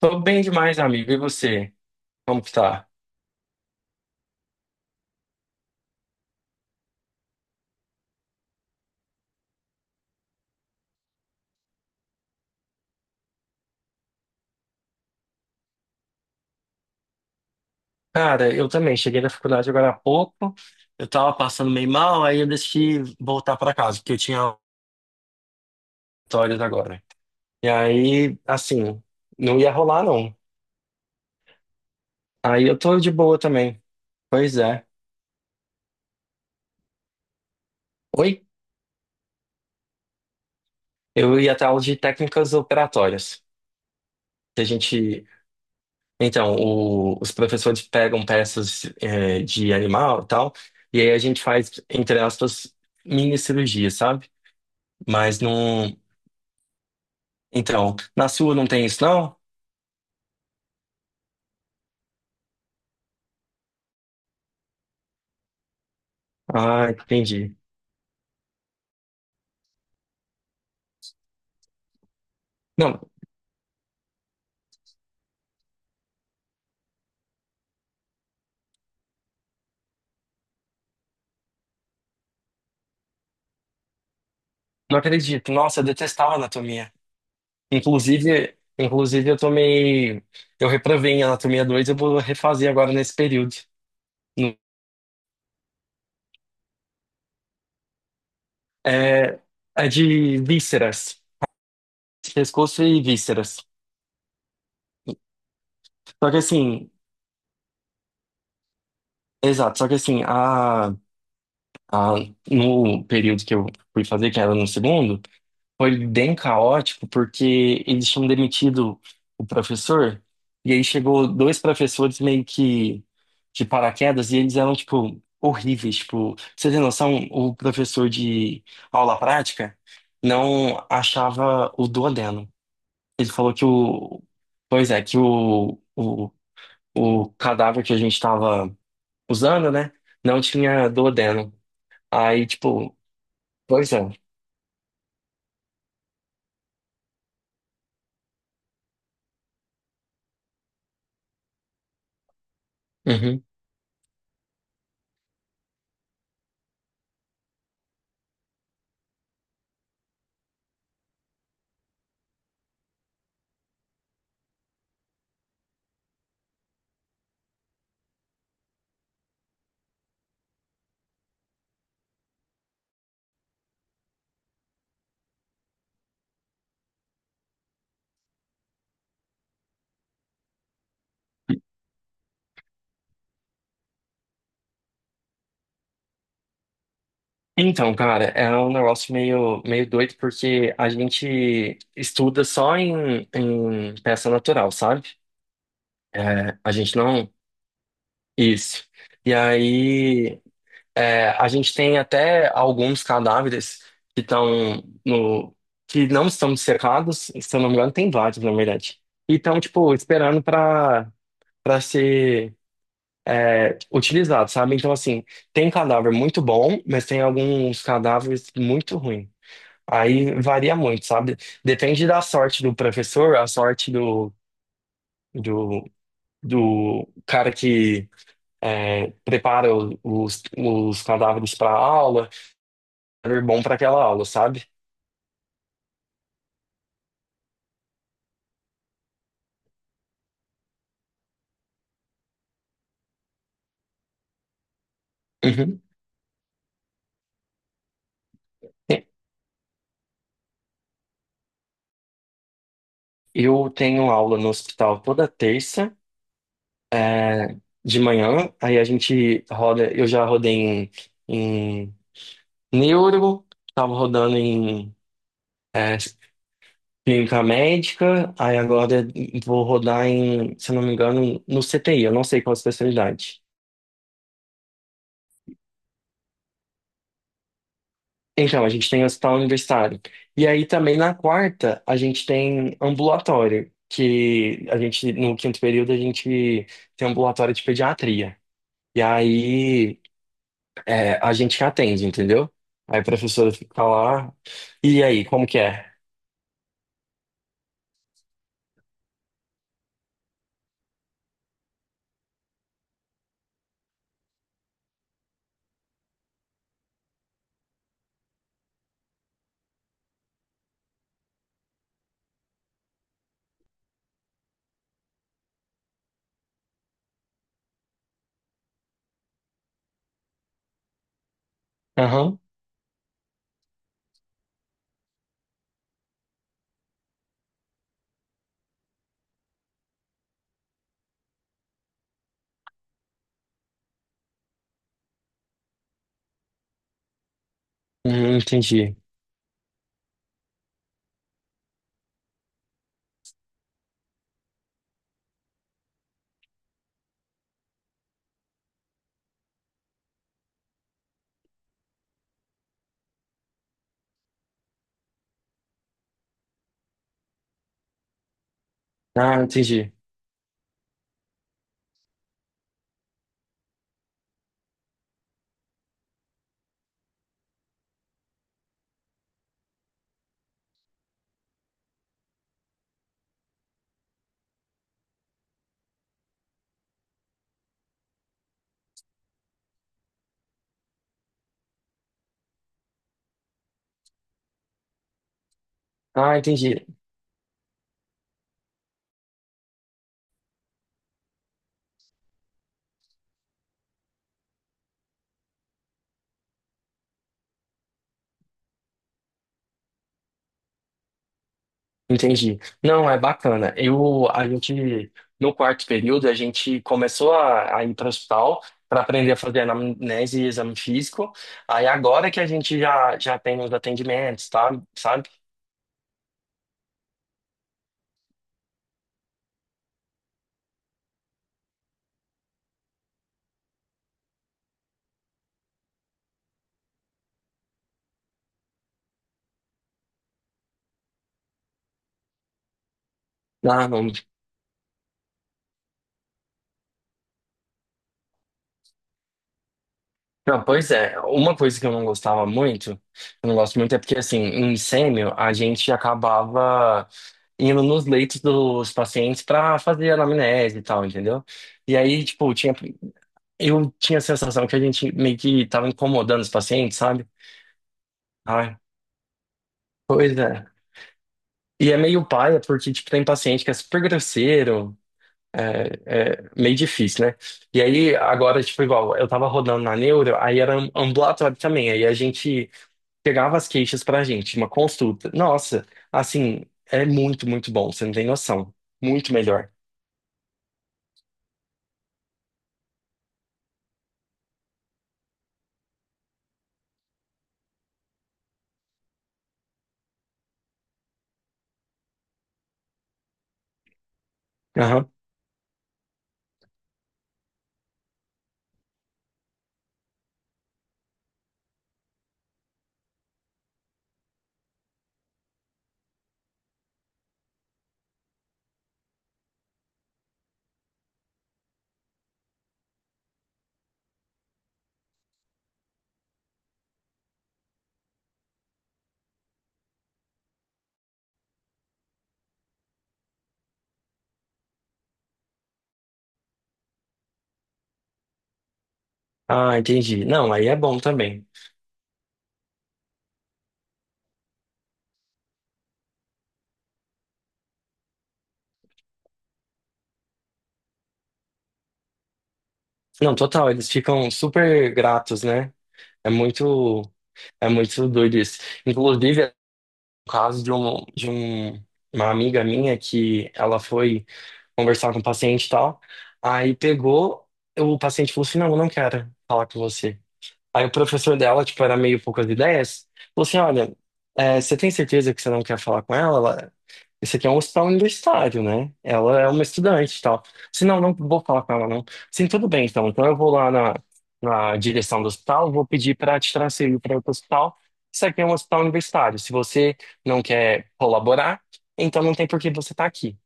Tô bem demais, amigo. E você? Como que tá? Cara, eu também. Cheguei da faculdade agora há pouco. Eu tava passando meio mal, aí eu decidi voltar pra casa, porque eu tinha auditórias agora. E aí, assim, não ia rolar, não. Aí eu tô de boa também. Pois é. Oi? Eu ia até aula de técnicas operatórias. Que a gente. Então, os professores pegam peças, de animal e tal, e aí a gente faz, entre aspas, mini cirurgia, sabe? Mas não. Então, na sua não tem isso, não? Ah, entendi. Não, não acredito. Nossa, eu detestava anatomia. Inclusive, eu tomei, eu reprovei em anatomia 2. Eu vou refazer agora nesse período. No- É, é de vísceras, pescoço e vísceras. Só que assim, exato, só que assim, no período que eu fui fazer, que era no segundo, foi bem caótico porque eles tinham demitido o professor e aí chegou dois professores meio que de paraquedas e eles eram tipo horríveis, tipo, você tem noção, o professor de aula prática não achava o duodeno. Ele falou que pois é, que o cadáver que a gente estava usando, né, não tinha duodeno. Aí, tipo, pois é. Uhum. Então, cara, é um negócio meio, meio doido porque a gente estuda só em peça natural, sabe? É, a gente não. Isso. E aí, é, a gente tem até alguns cadáveres que estão no. Que não estão secados, se eu não me engano, tem vários, na verdade. E estão, tipo, esperando para ser é, utilizados, sabe? Então, assim, tem cadáver muito bom, mas tem alguns cadáveres muito ruins. Aí varia muito, sabe? Depende da sorte do professor, a sorte do, do cara que é, prepara os cadáveres para aula, é bom para aquela aula, sabe? Uhum. Eu tenho aula no hospital toda terça, é, de manhã, aí a gente roda, eu já rodei em neuro, tava rodando em é, Clínica médica, aí agora vou rodar em, se eu não me engano, no CTI, eu não sei qual a especialidade. Então, a gente tem hospital universitário. E aí também na quarta, a gente tem ambulatório, que a gente, no quinto período, a gente tem ambulatório de pediatria. E aí é, a gente que atende, entendeu? Aí a professora fica lá. E aí, como que é? Aham. Uhum, entendi. Ah, entendi. Ah, entendi. Entendi. Não, é bacana. Eu, a gente, no quarto período, a gente começou a ir para o hospital para aprender a fazer anamnese e exame físico. Aí agora que a gente já, já tem os atendimentos, tá? Sabe? Ah, não. Não, pois é. Uma coisa que eu não gostava muito, eu não gosto muito, é porque, assim, em sêmio, a gente acabava indo nos leitos dos pacientes para fazer anamnese e tal, entendeu? E aí, tipo, tinha. Eu tinha a sensação que a gente meio que tava incomodando os pacientes, sabe? Ai, pois é. E é meio paia, porque, tipo, tem paciente que é super grosseiro, é, é meio difícil, né? E aí, agora, tipo, igual, eu tava rodando na neuro, aí era um ambulatório também, aí a gente pegava as queixas pra gente, uma consulta. Nossa, assim, é muito, muito bom, você não tem noção. Muito melhor. Aham. Ah, entendi. Não, aí é bom também. Não, total, eles ficam super gratos, né? É muito, é muito doido isso. Inclusive, é o caso de um, uma amiga minha que ela foi conversar com o paciente e tal, aí pegou, o paciente falou assim, não, eu não quero falar com você. Aí o professor dela, tipo, era meio poucas ideias, falou assim, olha, é, você tem certeza que você não quer falar com ela? Ela- Isso aqui é um hospital universitário, né? Ela é uma estudante e tal. Se não, não vou falar com ela, não. Sim, tudo bem, então. Então eu vou lá na, na direção do hospital, vou pedir para te transferir para outro hospital. Isso aqui é um hospital universitário. Se você não quer colaborar, então não tem por que você estar aqui.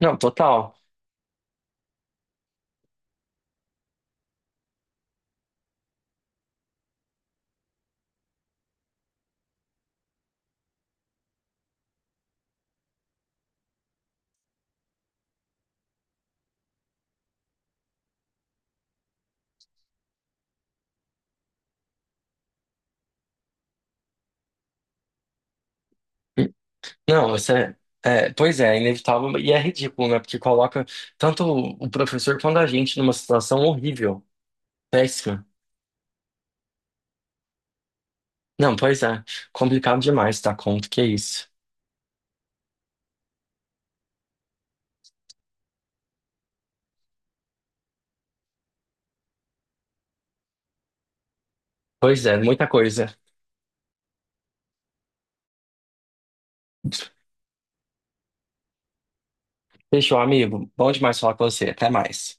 Não, total. Não, você. É, é, pois é, é inevitável e é ridículo, né? Porque coloca tanto o professor quanto a gente numa situação horrível, péssima. Não, pois é, complicado demais dar conta, que é isso. Pois é, muita coisa. Fechou, amigo. Bom demais falar com você. Até mais.